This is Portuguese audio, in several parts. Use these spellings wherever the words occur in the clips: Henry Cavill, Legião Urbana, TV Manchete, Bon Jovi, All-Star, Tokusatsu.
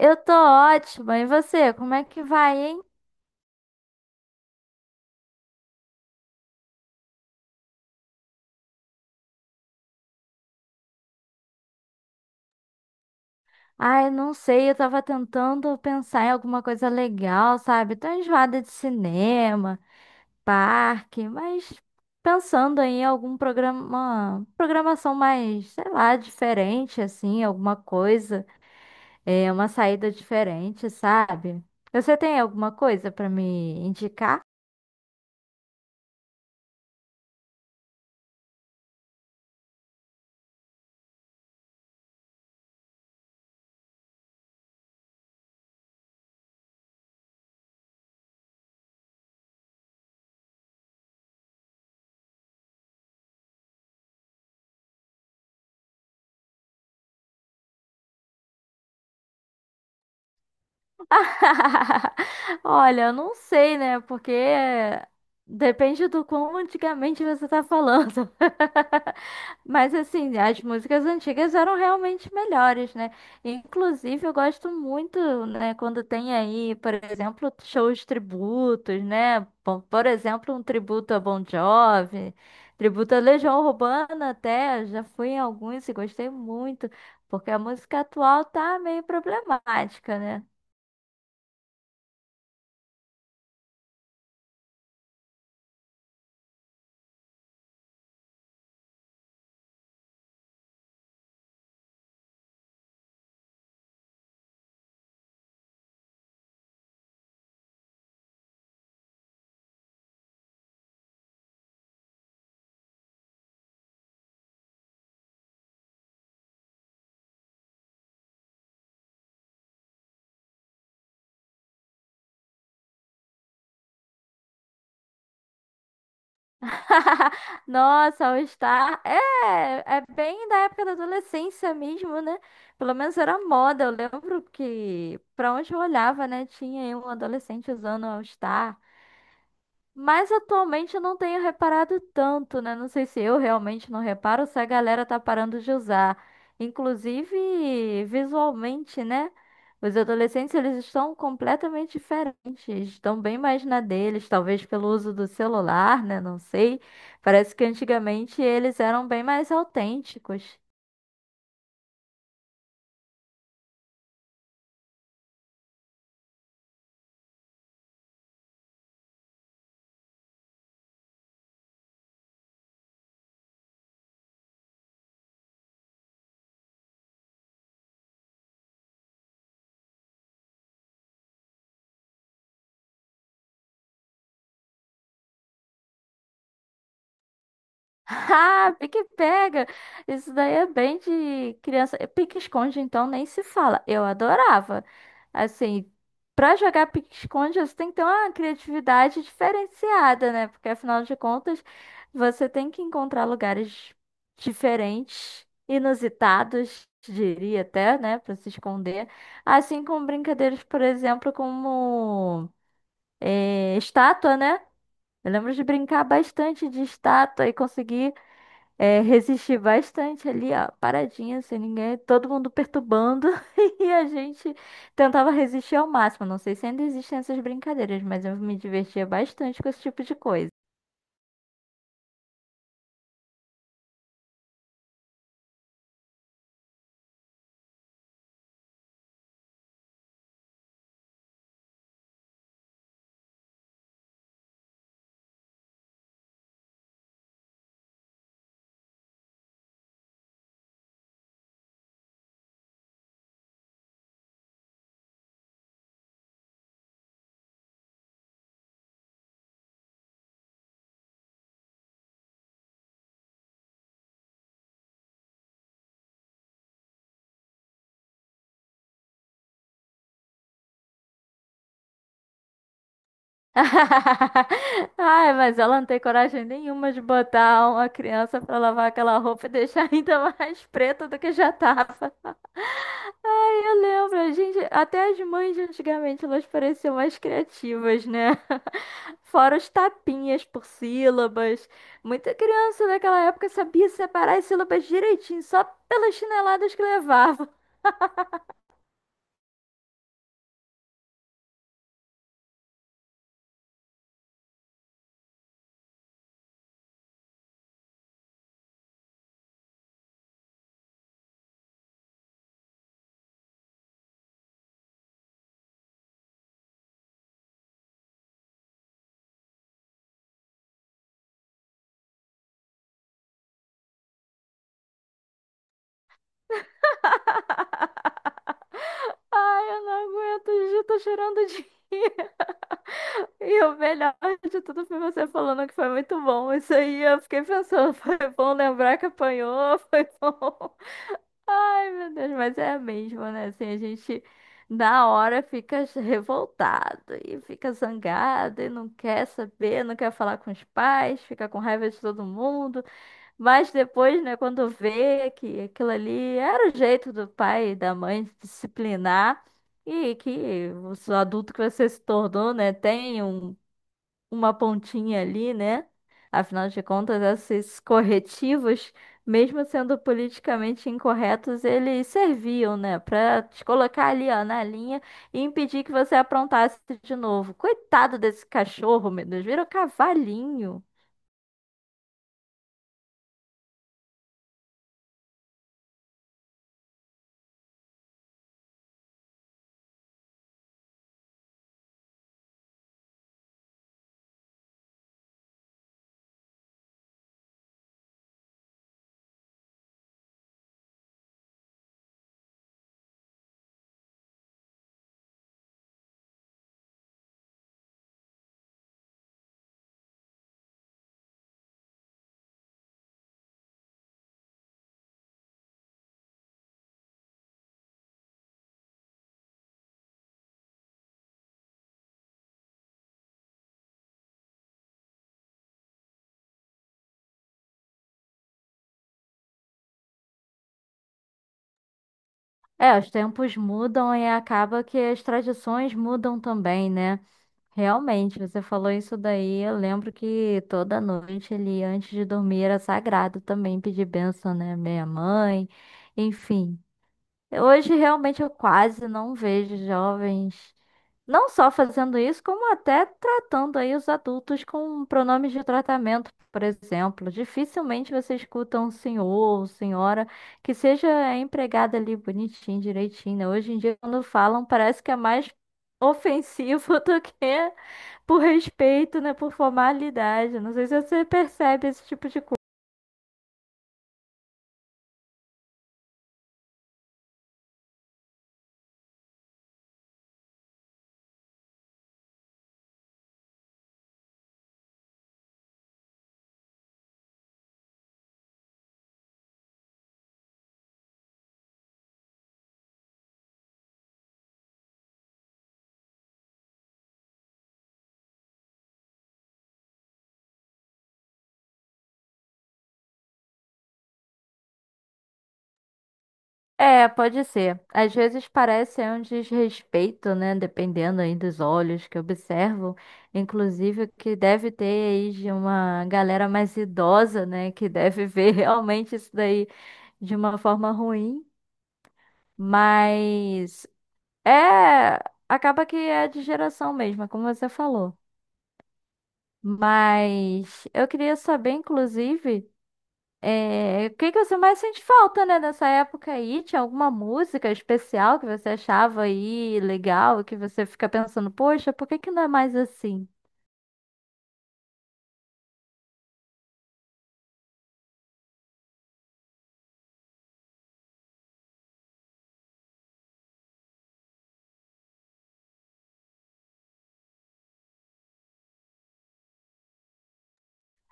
Eu tô ótima. E você, como é que vai, hein? Ai, não sei, eu tava tentando pensar em alguma coisa legal, sabe? Tô enjoada de cinema, parque, mas pensando em algum programação mais, sei lá, diferente, assim, alguma coisa, é, uma saída diferente, sabe? Você tem alguma coisa pra me indicar? Olha, eu não sei, né? Porque depende do quão antigamente você tá falando. Mas assim, as músicas antigas eram realmente melhores, né? Inclusive, eu gosto muito, né, quando tem aí, por exemplo, shows tributos, né? Bom, por exemplo, um tributo a Bon Jovi, tributo a Legião Urbana até, já fui em alguns e gostei muito, porque a música atual tá meio problemática, né? Nossa, All-Star. É, é bem da época da adolescência mesmo, né? Pelo menos era moda. Eu lembro que pra onde eu olhava, né? Tinha aí um adolescente usando All-Star. Mas atualmente eu não tenho reparado tanto, né? Não sei se eu realmente não reparo ou se a galera tá parando de usar. Inclusive, visualmente, né? Os adolescentes, eles estão completamente diferentes, estão bem mais na deles, talvez pelo uso do celular, né? Não sei. Parece que antigamente eles eram bem mais autênticos. Ah, pique pega. Isso daí é bem de criança. E pique esconde, então, nem se fala. Eu adorava. Assim, pra jogar pique esconde, você tem que ter uma criatividade diferenciada, né? Porque afinal de contas, você tem que encontrar lugares diferentes, inusitados, diria até, né, pra se esconder. Assim como brincadeiras, por exemplo, como estátua, né? Eu lembro de brincar bastante de estátua e conseguir. É, resisti bastante ali, ó, paradinha, sem ninguém, todo mundo perturbando, e a gente tentava resistir ao máximo. Não sei se ainda existem essas brincadeiras, mas eu me divertia bastante com esse tipo de coisa. Ai, mas ela não tem coragem nenhuma de botar uma criança pra lavar aquela roupa e deixar ainda mais preta do que já tava. Ai, eu lembro, a gente, até as mães de antigamente, elas pareciam mais criativas, né? Fora os tapinhas por sílabas. Muita criança daquela época sabia separar as sílabas direitinho, só pelas chineladas que levava. Ai, eu não aguento, já tô chorando de rir. E o melhor de tudo foi você falando que foi muito bom. Isso aí, eu fiquei pensando, foi bom lembrar que apanhou, foi bom. Ai, meu Deus, mas é mesmo, né? Assim, a gente na hora fica revoltado e fica zangado e não quer saber, não quer falar com os pais, fica com raiva de todo mundo. Mas depois, né, quando vê que aquilo ali era o jeito do pai e da mãe de disciplinar e que o adulto que você se tornou, né, tem uma pontinha ali, né? Afinal de contas, esses corretivos, mesmo sendo politicamente incorretos, eles serviam, né, pra te colocar ali, ó, na linha e impedir que você aprontasse de novo. Coitado desse cachorro, meu Deus, vira um cavalinho. É, os tempos mudam e acaba que as tradições mudam também, né? Realmente, você falou isso daí. Eu lembro que toda noite ele, antes de dormir, era sagrado também pedir bênção, né? Minha mãe, enfim. Hoje, realmente, eu quase não vejo jovens, não só fazendo isso, como até tratando aí os adultos com pronomes de tratamento, por exemplo. Dificilmente você escuta um senhor ou senhora que seja empregada ali bonitinho, direitinho, né? Hoje em dia, quando falam, parece que é mais ofensivo do que por respeito, né? Por formalidade. Não sei se você percebe esse tipo de coisa. É, pode ser. Às vezes parece é um desrespeito, né? Dependendo aí dos olhos que observam. Inclusive, o que deve ter aí de uma galera mais idosa, né? Que deve ver realmente isso daí de uma forma ruim. Mas é. Acaba que é de geração mesmo, é como você falou. Mas eu queria saber, inclusive. É, o que que você mais sente falta, né, dessa época aí? Tinha alguma música especial que você achava aí legal, que você fica pensando, poxa, por que que não é mais assim?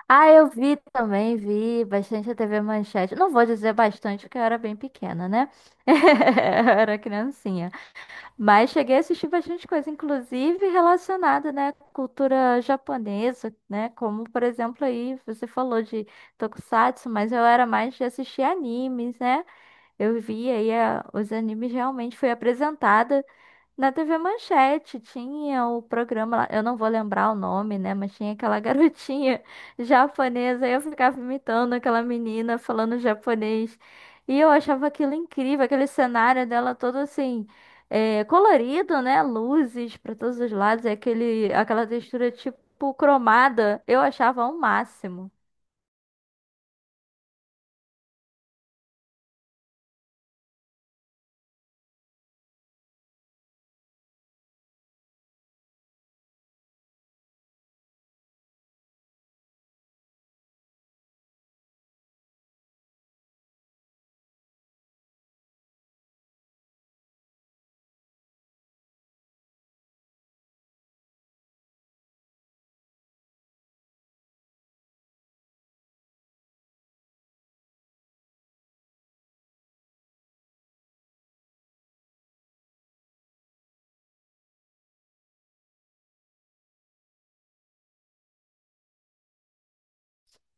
Ah, eu vi também, vi bastante a TV Manchete. Não vou dizer bastante, porque eu era bem pequena, né? Eu era criancinha. Mas cheguei a assistir bastante coisa, inclusive relacionada, né, à cultura japonesa, né? Como, por exemplo, aí você falou de Tokusatsu, mas eu era mais de assistir animes, né? Eu via e os animes realmente foi apresentada na TV Manchete. Tinha o programa lá, eu não vou lembrar o nome, né? Mas tinha aquela garotinha japonesa, e eu ficava imitando aquela menina falando japonês. E eu achava aquilo incrível, aquele cenário dela todo assim, é, colorido, né? Luzes para todos os lados, e aquela textura tipo cromada. Eu achava o máximo.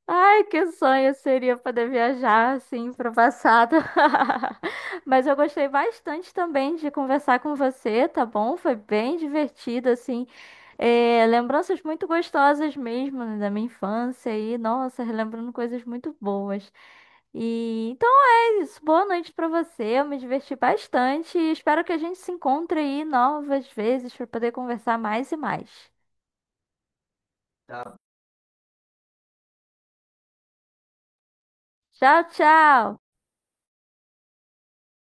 Ai, que sonho seria poder viajar assim para o passado. Mas eu gostei bastante também de conversar com você, tá bom? Foi bem divertido, assim. É, lembranças muito gostosas mesmo, né, da minha infância e, nossa, relembrando coisas muito boas. E então é isso. Boa noite para você. Eu me diverti bastante e espero que a gente se encontre aí novas vezes para poder conversar mais e mais. Tchau, tchau!